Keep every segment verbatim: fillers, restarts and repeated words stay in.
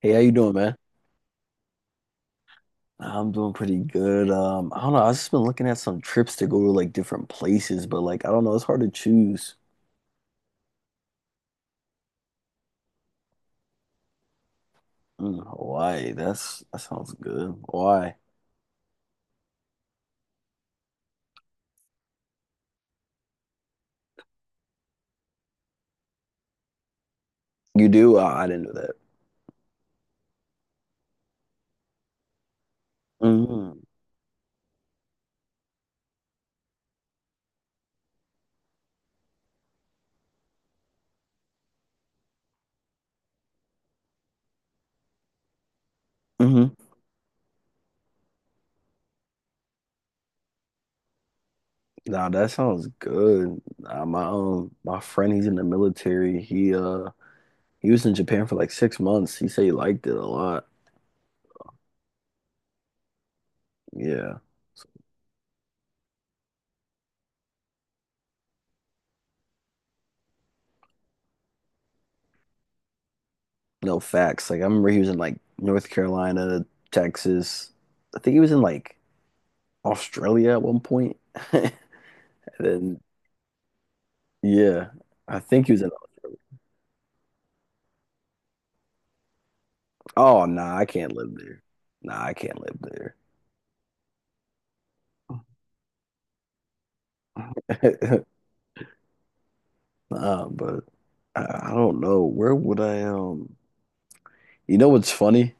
Hey, how you doing, man? I'm doing pretty good. Um, I don't know. I've just been looking at some trips to go to like different places, but like I don't know, it's hard to choose. Mm, Hawaii. That's that sounds good. Why you do? Uh, I didn't know that. Mm-hmm. Mm-hmm. Nah, that sounds good. Nah, my um my friend, he's in the military. He uh he was in Japan for like six months. He said he liked it a lot. Yeah. No facts. Like I remember he was in like North Carolina, Texas. I think he was in like Australia at one point. And then yeah, I think he was in. Oh nah, I can't live there. Nah, I can't live there. Nah, but I, I don't know. Where would I um? You know what's funny?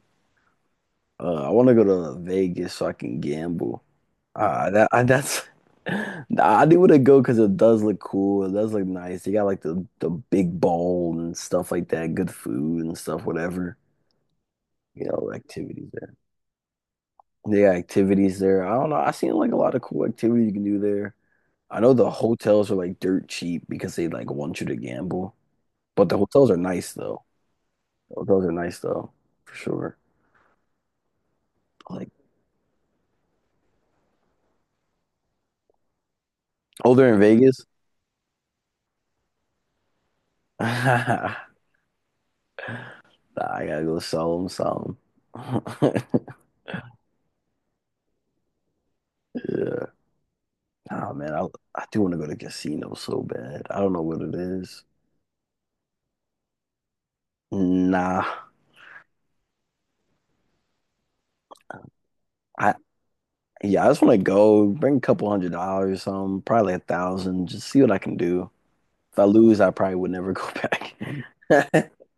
Uh, I want to go to Vegas so I can gamble. Uh, that I, that's. Nah, I do want to go because it does look cool. It does look nice. You got like the the big bowl and stuff like that. Good food and stuff. Whatever you know, activities. They activities there. I don't know. I seen like a lot of cool activity you can do there. I know the hotels are like dirt cheap because they like want you to gamble. But the hotels are nice though. The hotels are nice though, for sure. Like, oh, they're in Vegas? Nah, I gotta go sell them something. Yeah. Nah, man, I I do want to go to casino so bad. I don't know what it is. Nah. I yeah, I just want to go bring a couple hundred dollars, or um, probably a thousand, just see what I can do. If I lose, I probably would never go back.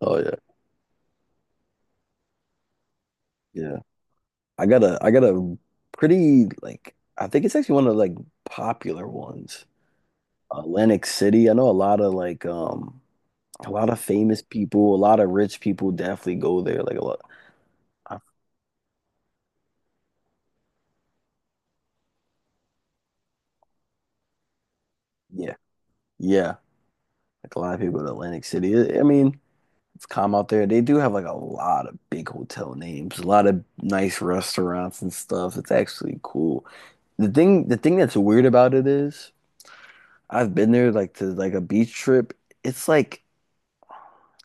Oh yeah. Yeah. I got a I got a pretty like I think it's actually one of the, like popular ones. Uh, Atlantic City. I know a lot of like um a lot of famous people, a lot of rich people definitely go there. Like a lot I, yeah. Yeah. Like a lot of people go to Atlantic City. I I mean, it's calm out there. They do have like a lot of big hotel names, a lot of nice restaurants and stuff. It's actually cool. The thing the thing that's weird about it is I've been there like to like a beach trip. It's like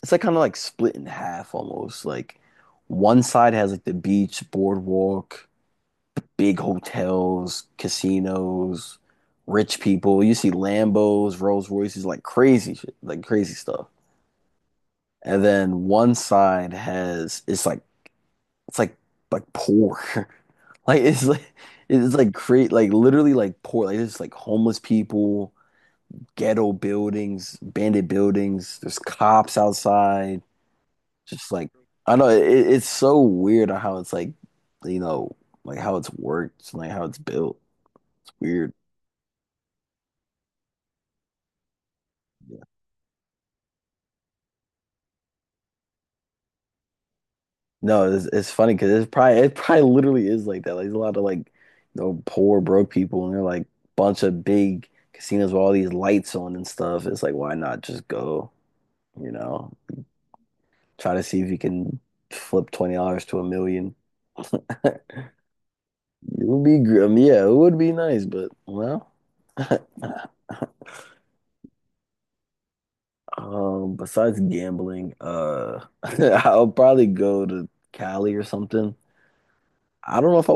it's like kind of like split in half almost. Like one side has like the beach, boardwalk, big hotels, casinos, rich people. You see Lambos, Rolls Royces, like crazy shit, like crazy stuff. And then one side has it's like it's like like poor. Like it's like it's like create like literally like poor. Like it's like homeless people, ghetto buildings, bandit buildings. There's cops outside. Just like I know it, it's so weird on how it's like, you know, like how it's worked, like how it's built. It's weird. Yeah. No, it's, it's funny because it's probably it probably literally is like that. Like there's a lot of like, you know, poor broke people, and they're like bunch of big casinos with all these lights on and stuff. It's like why not just go, you know, try to see if you can flip twenty dollars to a million. It would be, gr- I mean, yeah, it would be nice, but well, um, besides gambling, uh, I'll probably go to Cali or something. I don't know if I,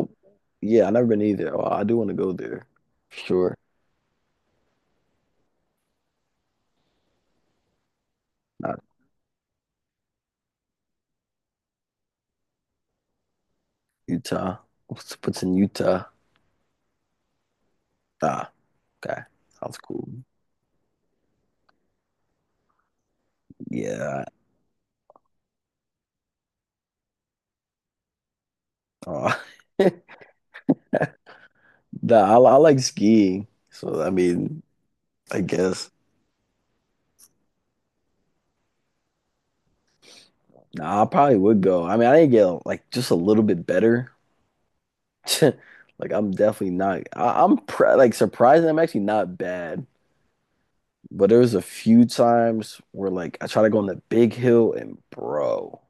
yeah, I've never been either. Oh, I do want to go there, sure. Not Utah. What's, what's in Utah? Ah, okay, sounds cool. Yeah, uh, nah, I, I like skiing, so I mean, I guess. Nah, I probably would go. I mean, I didn't get like just a little bit better. Like I'm definitely not. I, I'm pr like surprised. I'm actually not bad, but there was a few times where like I try to go on the big hill and bro,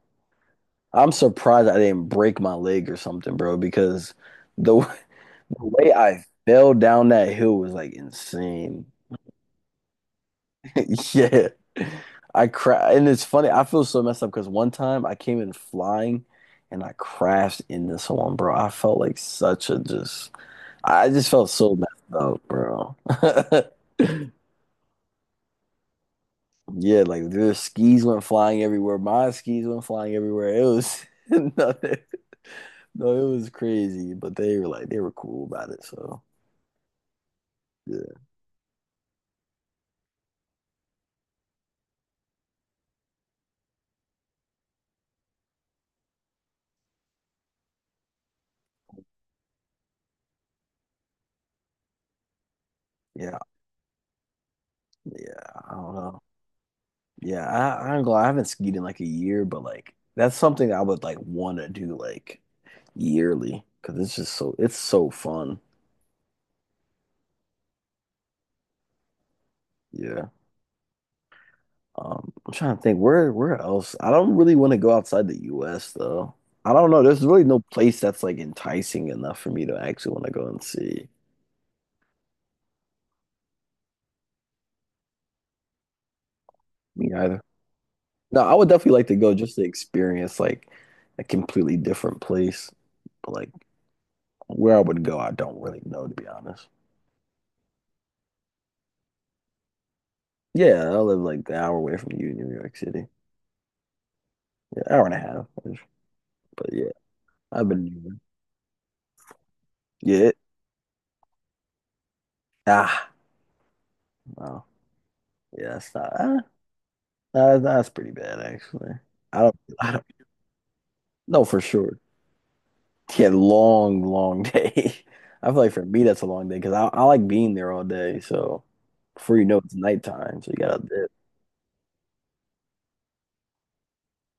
I'm surprised I didn't break my leg or something, bro, because the w- the way I fell down that hill was like insane. Yeah, I cra and it's funny. I feel so messed up because one time I came in flying and I crashed into someone, bro. I felt like such a just. I just felt so messed up, bro. Yeah, like their skis went flying everywhere. My skis went flying everywhere. It was nothing. No, it was crazy. But they were like they were cool about it. So yeah, yeah, yeah. I don't know. Yeah, I, I ain't gonna, lie, I haven't skied in like a year, but like that's something I would like want to do like yearly because it's just so it's so fun. Yeah. Um, I'm trying to think where where else. I don't really want to go outside the U S though. I don't know. There's really no place that's like enticing enough for me to actually want to go and see. Me either. No, I would definitely like to go just to experience like a completely different place. But like where I would go, I don't really know to be honest. Yeah, I live like an hour away from you in New York City. Yeah, hour and a half. But yeah, I've been here. Yeah. Ah, no. Yeah, that's not ah, that, that's pretty bad actually. I don't I No, for sure. Yeah, long, long day. I feel like for me that's a long day because I, I like being there all day. So before you know it, it's nighttime, so you gotta dip.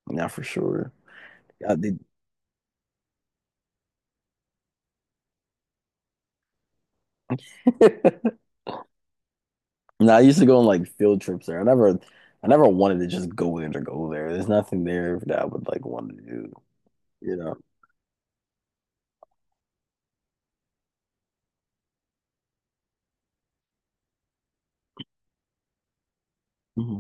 Yeah, for sure. Yeah, they, now I used to go on like field trips there. I never, I never wanted to just go in or go there. There's nothing there that I would like want to do. You know. Hmm,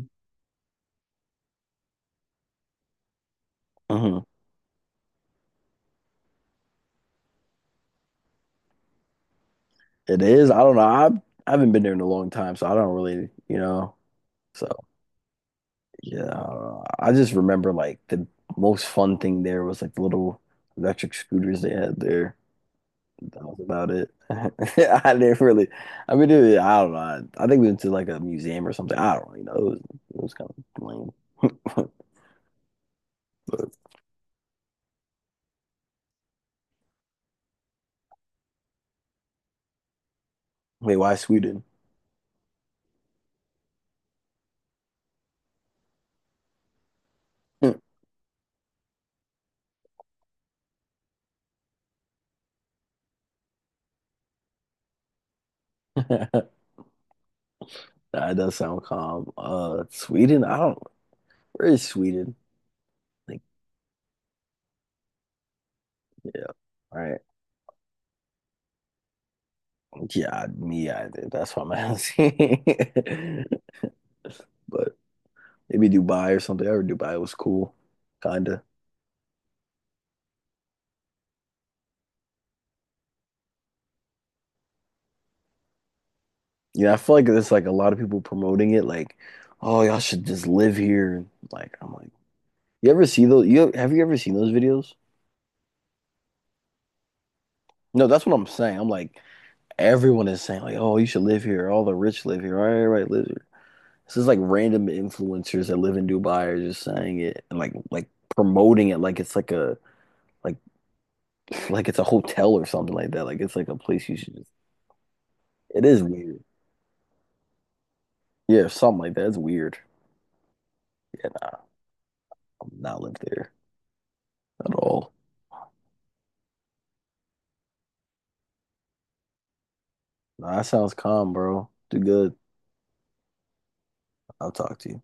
hmm. It is. I don't know. I I haven't been there in a long time, so I don't really, you know. So. Yeah, I just remember like the most fun thing there was like the little electric scooters they had there. That was about it. I didn't really, I mean, it, I don't know. I, I think we went to like a museum or something. I don't really know. It was, it was kind of lame. Wait, why Sweden? That does sound calm. Uh, Sweden? I don't, where is Sweden? Like, yeah, all right. Yeah, me either. That's what I'm asking. But maybe Dubai or something. I heard Dubai was cool, kinda. Yeah, I feel like there's like a lot of people promoting it, like, oh, y'all should just live here. Like, I'm like, you ever see those? You have you ever seen those videos? No, that's what I'm saying. I'm like, everyone is saying like, oh, you should live here. All the rich live here. All right, right, live here. This is like random influencers that live in Dubai are just saying it and like like promoting it like it's like a like like it's a hotel or something like that. Like it's like a place you should. It is weird. Yeah, something like that. It's weird. I'm not live there at all. Nah, that sounds calm, bro. Do good. I'll talk to you.